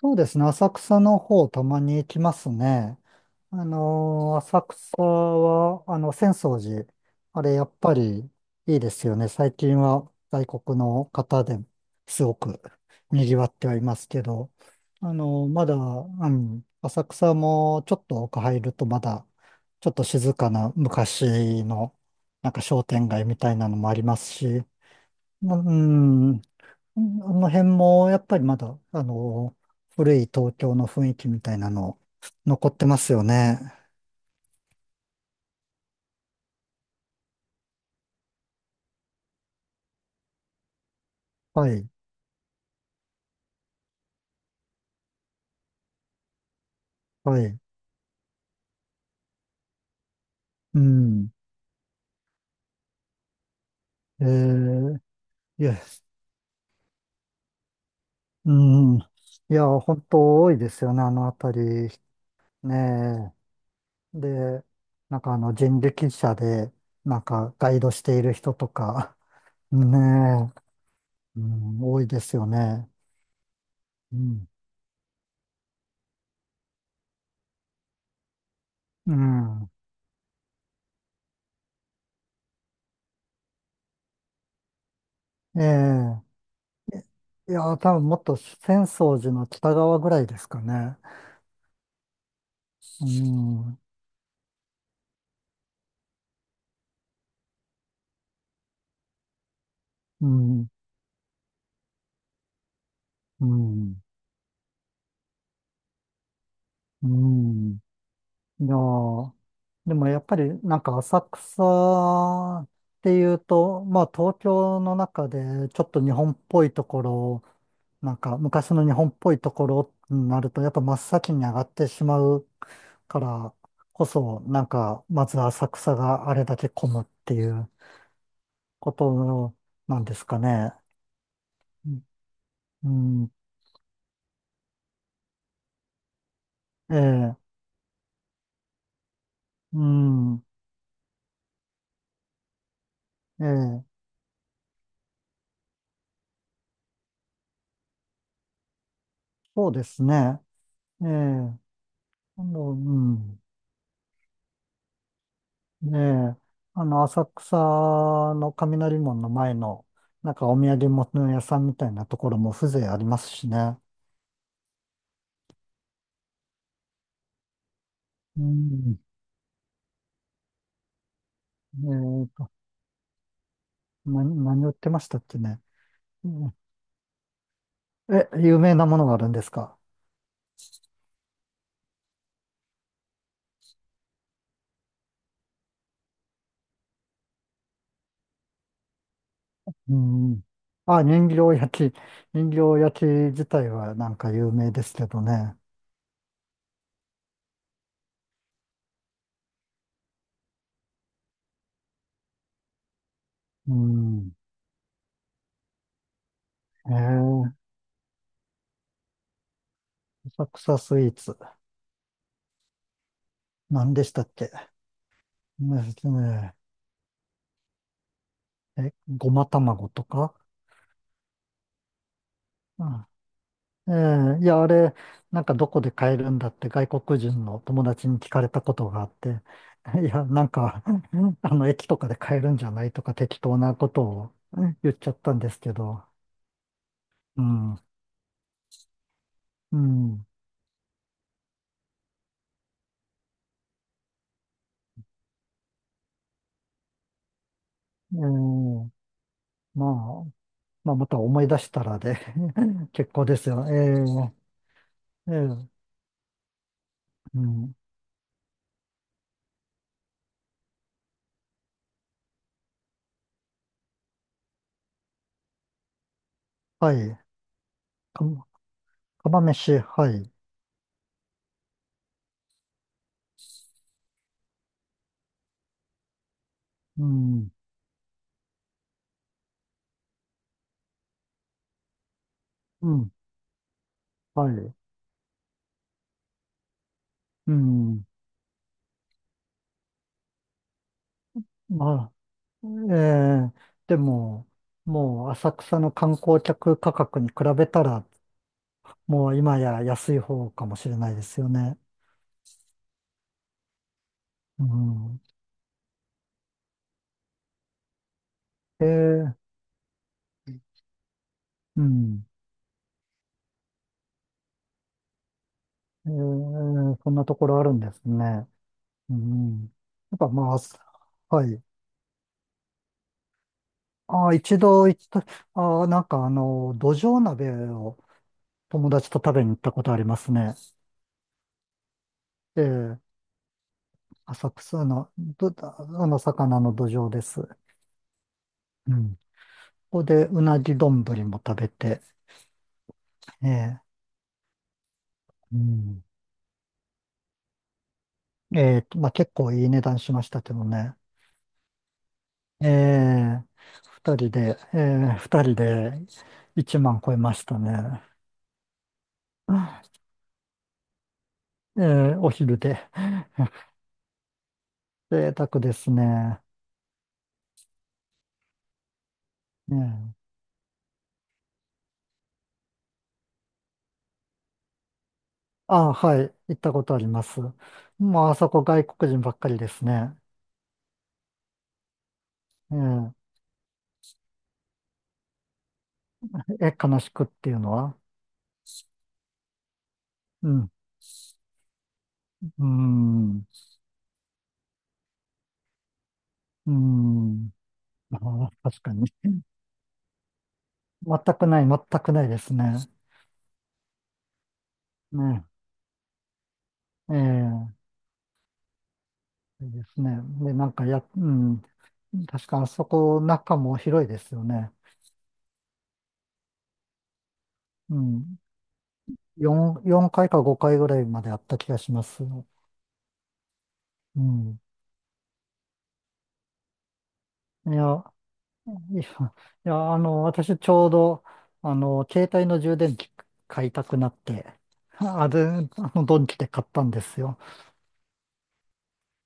そうですね。浅草の方、たまに行きますね。浅草は、浅草寺。あれ、やっぱりいいですよね。最近は外国の方ですごく賑わってはいますけど、まだ、うん、浅草もちょっと奥入るとまだ、ちょっと静かな昔の、なんか商店街みたいなのもありますし、うん、うんあの辺も、やっぱりまだ、古い東京の雰囲気みたいなの、残ってますよね。はい、はい。うん。えー、いや、うん。いや、本当多いですよね、あの辺り。ねえ。で、なんか人力車で、なんかガイドしている人とか、ねえ、うん、多いですよね。うん。うん。ええ。いや、多分もっと浅草寺の北側ぐらいですかね。うん、うん、うん、うん。いやーでもやっぱりなんか浅草っていうと、まあ東京の中でちょっと日本っぽいところ、なんか昔の日本っぽいところになるとやっぱ真っ先に上がってしまうからこそ、なんかまず浅草があれだけ混むっていうことなんですかね。うん、うんええ、うん、ええ、そうですね。ええ、うん、ねえ、浅草の雷門の前の、なんかお土産物屋さんみたいなところも風情ありますしね。うん、ねえっと、何売ってましたっけね。うん。有名なものがあるんですか？うん。あ、人形焼き。人形焼き自体はなんか有名ですけどね。うん。えー、浅草スイーツ。何でしたっけね、ねえ、ごま卵とか。ええ、いや、あれ、なんかどこで買えるんだって外国人の友達に聞かれたことがあって、いや、なんか、駅とかで買えるんじゃないとか適当なことをね言っちゃったんですけど、うん、うん、ええ、まあ、まあ、また思い出したらで 結構ですよ。ええ、ええ、うん、はい、か、釜飯、はい、うん、うん、はい、うん、まあええでも、もう浅草の観光客価格に比べたら、もう今や安い方かもしれないですよね。うん。ええうん。ええそんなところあるんですね。うん。やっぱまあ、はい。ああ、一度行った、ああ、なんか土壌鍋を友達と食べに行ったことありますね。ええ浅草の、ど、あの、魚の土壌です。うん。ここでうなぎ丼も食べて、ええ、うん。まあ、結構いい値段しましたけどね。ええ、二人で1万超えましたね。ええ、お昼で。贅沢ですね。ええ、ああ、はい。行ったことあります。もうあそこ外国人ばっかりですね。ええ、悲しくっていうのは？うん。うん。うん。ああ、確かに。全くない、全くないですね。ね。ええいいですね。で、なんかや、うん。確かあそこ中も広いですよね。うん。4、4回か5回ぐらいまであった気がします。うん。いや、いや、いや、私ちょうど、携帯の充電器買いたくなって、あれ、ドンキで買ったんですよ。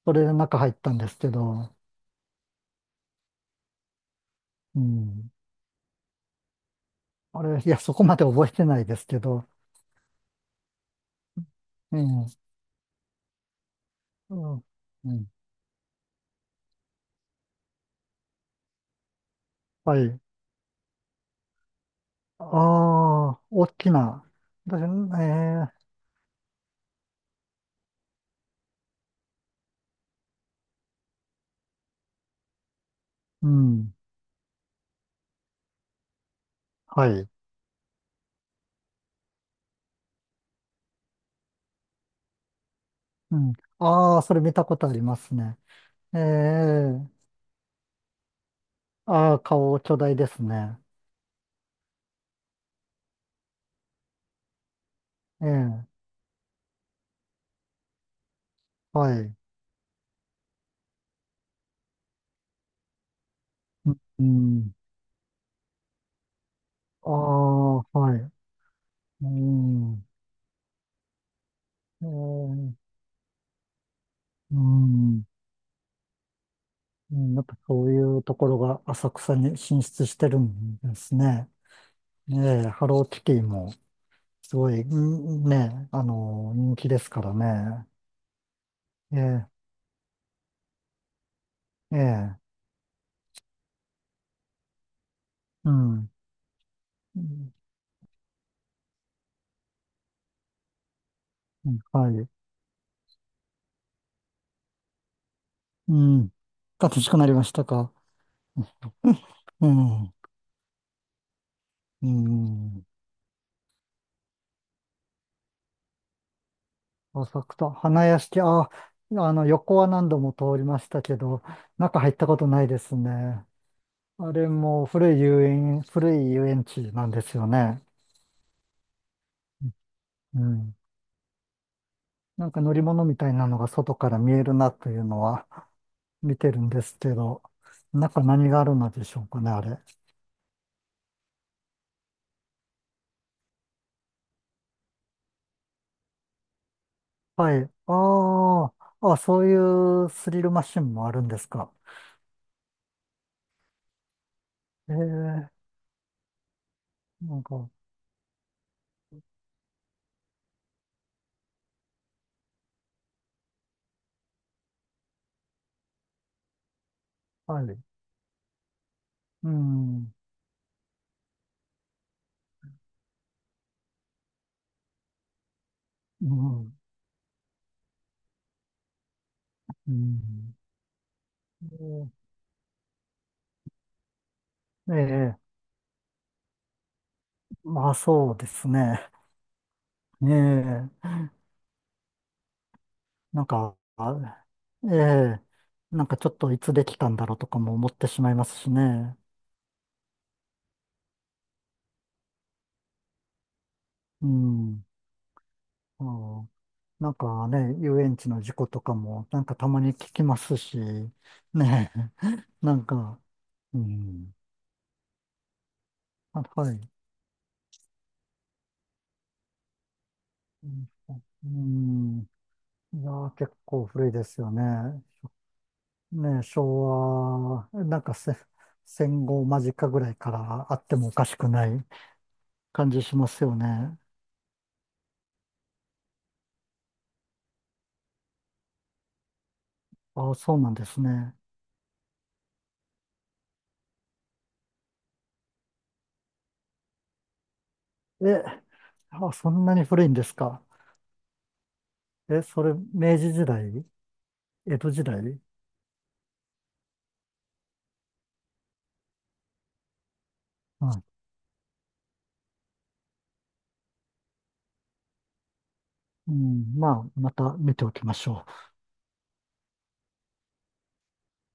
それで中入ったんですけど、うん。あれ、いや、そこまで覚えてないですけど、うん。うん。うんはい。ああ、大きな。だね、えー、うん。はい。うん。ああ、それ見たことありますね。ええああー、顔巨大ですね。ええはい。うん。ああ、はい。うん。ええうん。うんやっぱそういうところが浅草に進出してるんですね。ええハローキティもすごい、うんね、人気ですからね。ええええうん。うんうんはい。うん。楽しくなりましたか？うん。うん。浅草、花屋敷、あ、横は何度も通りましたけど、中入ったことないですね。あれも古い遊園地なんですよね。うん。なんか乗り物みたいなのが外から見えるなというのは見てるんですけど、中何があるのでしょうかね、あれ。はい。ああ、あ、そういうスリルマシンもあるんですか？ええなんか、はい。うん、うん、うん。ええええまあそうですね。ええなんか、あええなんかちょっといつできたんだろうとかも思ってしまいますしね。うん、ああなんかね、遊園地の事故とかも、なんかたまに聞きますし、ねえ、なんか、うん、あ、はい。うん、うんいやー、結構古いですよね。ね、昭和、なんか戦後間近ぐらいからあってもおかしくない感じしますよね。ああ、そうなんですね。え、あ、そんなに古いんですか？え、それ、明治時代、江戸時代、うん、うん、まあ、また見ておきましょう。